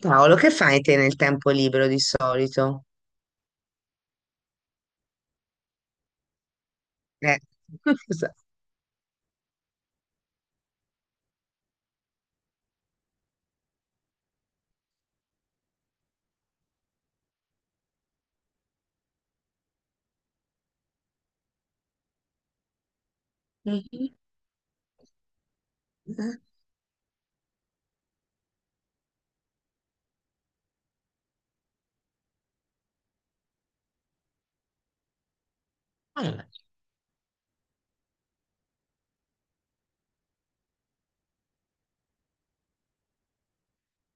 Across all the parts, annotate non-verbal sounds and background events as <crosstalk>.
Paolo, che fai te nel tempo libero di solito? Eh, <laughs> scusa. Mhm. Allora,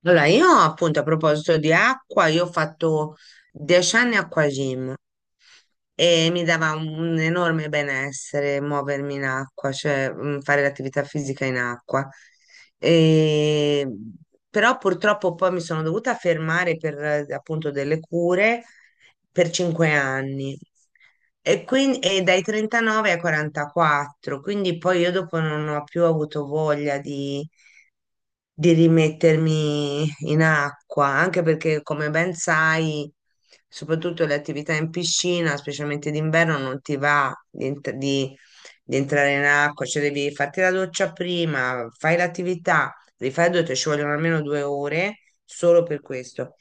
allora, io appunto a proposito di acqua, io ho fatto 10 anni acquagym e mi dava un enorme benessere muovermi in acqua, cioè fare l'attività fisica in acqua. E- Però purtroppo poi mi sono dovuta fermare per appunto delle cure per 5 anni. E quindi, e dai 39 ai 44, quindi poi io dopo non ho più avuto voglia di rimettermi in acqua, anche perché come ben sai, soprattutto le attività in piscina, specialmente d'inverno, non ti va di, di entrare in acqua, cioè devi farti la doccia prima, fai l'attività, rifai la doccia, ci vogliono almeno 2 ore solo per questo.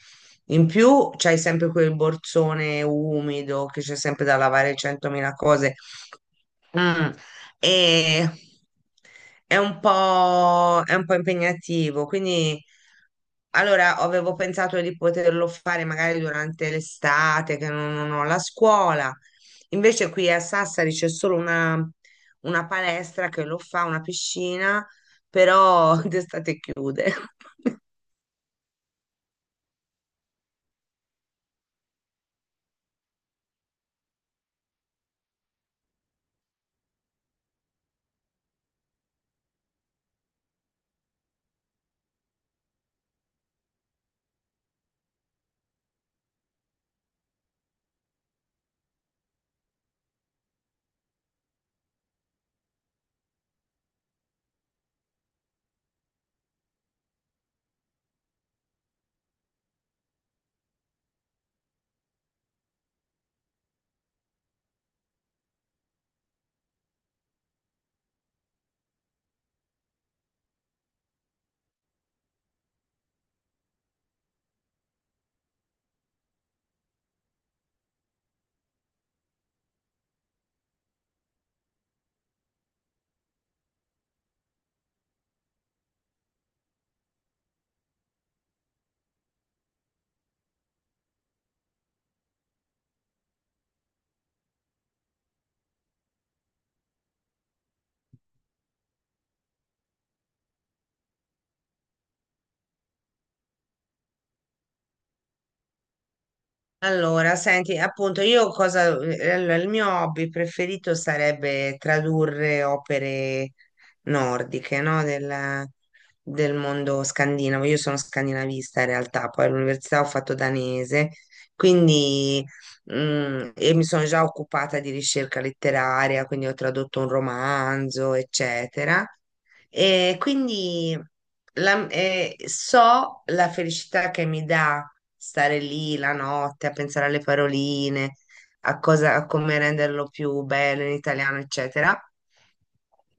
In più c'hai sempre quel borsone umido che c'è sempre da lavare 100.000 cose. Mm. E è un po', impegnativo, quindi allora avevo pensato di poterlo fare magari durante l'estate, che non ho la scuola. Invece qui a Sassari c'è solo una palestra che lo fa, una piscina, però <laughs> d'estate chiude. <laughs> Allora, senti, appunto, io cosa, allora, il mio hobby preferito sarebbe tradurre opere nordiche, no? Del mondo scandinavo. Io sono scandinavista in realtà, poi all'università ho fatto danese, quindi e mi sono già occupata di ricerca letteraria, quindi ho tradotto un romanzo, eccetera. E quindi so la felicità che mi dà stare lì la notte a pensare alle paroline, a cosa, a come renderlo più bello in italiano, eccetera.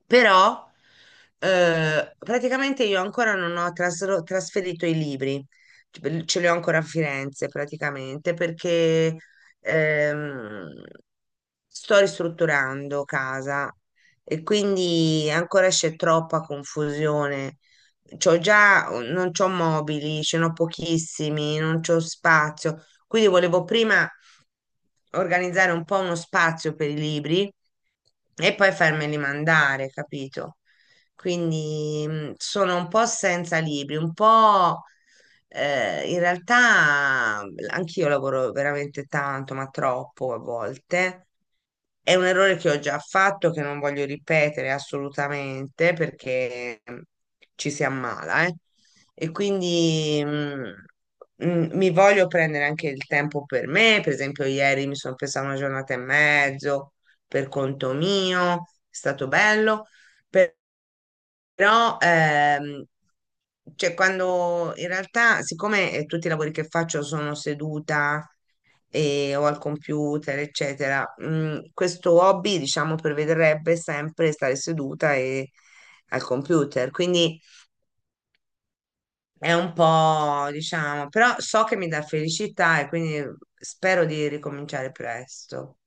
Però praticamente io ancora non ho trasferito i libri, ce li ho ancora a Firenze praticamente perché ehm, sto ristrutturando casa e quindi ancora c'è troppa confusione. C'ho già, non c'ho mobili, ce n'ho pochissimi, non c'ho spazio. Quindi volevo prima organizzare un po' uno spazio per i libri e poi farmeli mandare, capito? Quindi sono un po' senza libri, un po' in realtà anch'io lavoro veramente tanto, ma troppo a volte. È un errore che ho già fatto, che non voglio ripetere assolutamente perché ci si ammala, eh. E quindi mi voglio prendere anche il tempo per me. Per esempio, ieri mi sono presa una giornata e mezzo per conto mio, è stato bello. Però, cioè, quando in realtà, siccome tutti i lavori che faccio sono seduta e, o al computer, eccetera, questo hobby, diciamo, prevederebbe sempre stare seduta e al computer. Quindi è un po', diciamo, però so che mi dà felicità e quindi spero di ricominciare presto.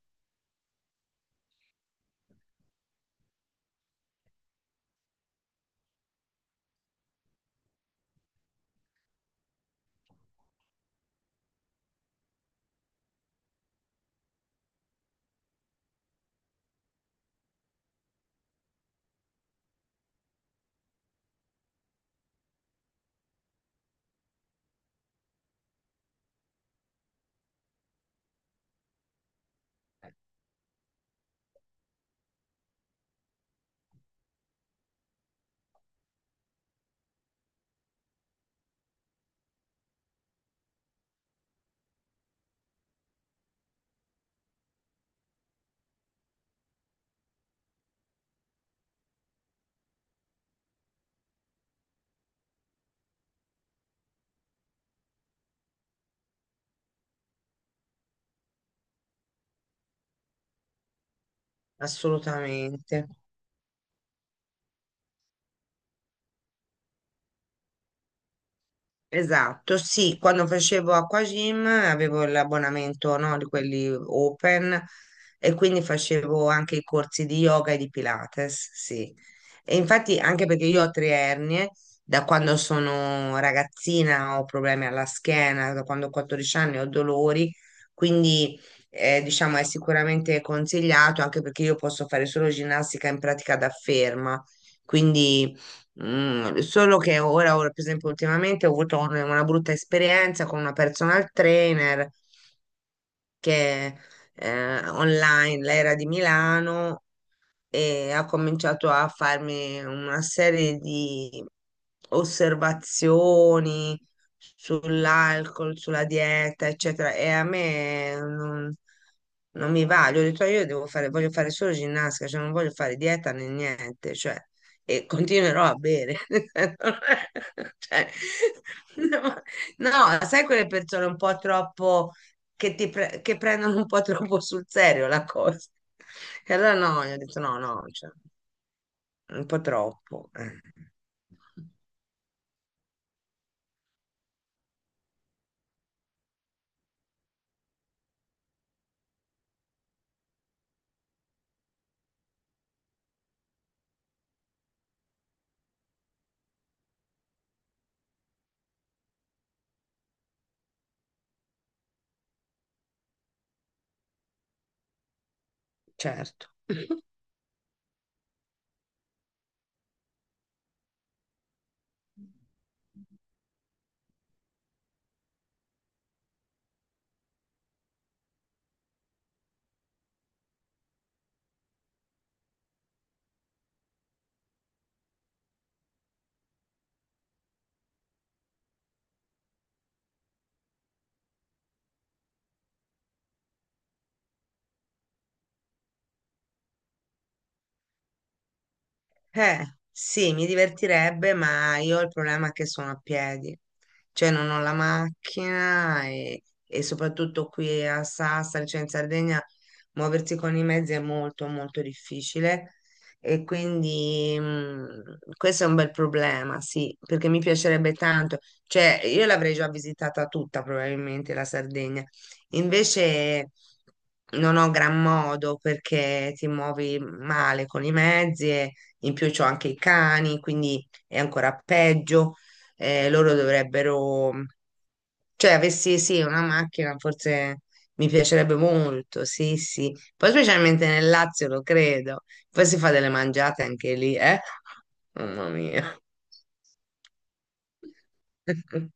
Assolutamente. Esatto, sì, quando facevo acquagym avevo l'abbonamento, no, di quelli open e quindi facevo anche i corsi di yoga e di Pilates, sì. E infatti anche perché io ho tre ernie, da quando sono ragazzina ho problemi alla schiena, da quando ho 14 anni ho dolori, quindi diciamo è sicuramente consigliato anche perché io posso fare solo ginnastica in pratica da ferma, quindi. Solo che per esempio, ultimamente ho avuto una brutta esperienza con una personal trainer che online, lei era di Milano e ha cominciato a farmi una serie di osservazioni sull'alcol, sulla dieta, eccetera. E a me non mi va. Gli ho detto, "Ah, io devo fare, voglio fare solo ginnastica, cioè non voglio fare dieta né niente, cioè, e continuerò a bere." <laughs> Cioè, no, no, sai quelle persone un po' troppo che prendono un po' troppo sul serio la cosa. E allora no, gli ho detto no, no, cioè, un po' troppo. Eh, certo. Eh, sì, mi divertirebbe, ma io ho il problema che sono a piedi, cioè non ho la macchina e soprattutto qui a Sassari, cioè in Sardegna, muoversi con i mezzi è molto molto difficile e quindi questo è un bel problema, sì, perché mi piacerebbe tanto, cioè io l'avrei già visitata tutta probabilmente la Sardegna, invece non ho gran modo perché ti muovi male con i mezzi. E in più c'ho anche i cani, quindi è ancora peggio. Loro dovrebbero, cioè, avessi sì, una macchina, forse mi piacerebbe molto, sì, sì. Poi specialmente nel Lazio, lo credo. Poi si fa delle mangiate anche lì, eh? Mamma mia. <laughs>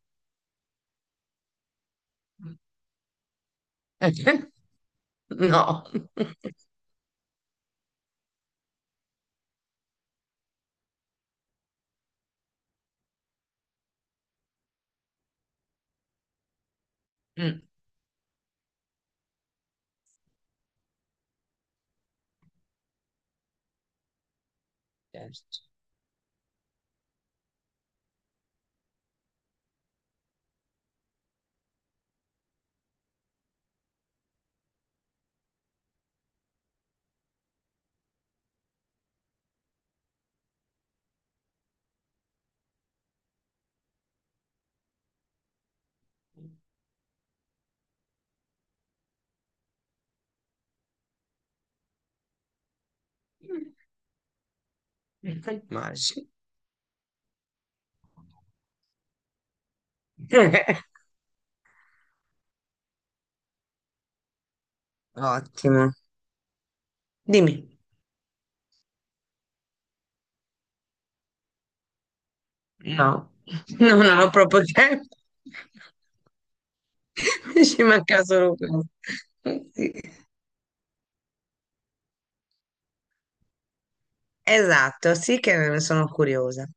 No. Mm. Certo. Immagino. <laughs> Ottimo. Dimmi. No, <laughs> non ho proprio tempo. <laughs> Ci manca solo questo. Sì. Esatto, sì che ne sono curiosa.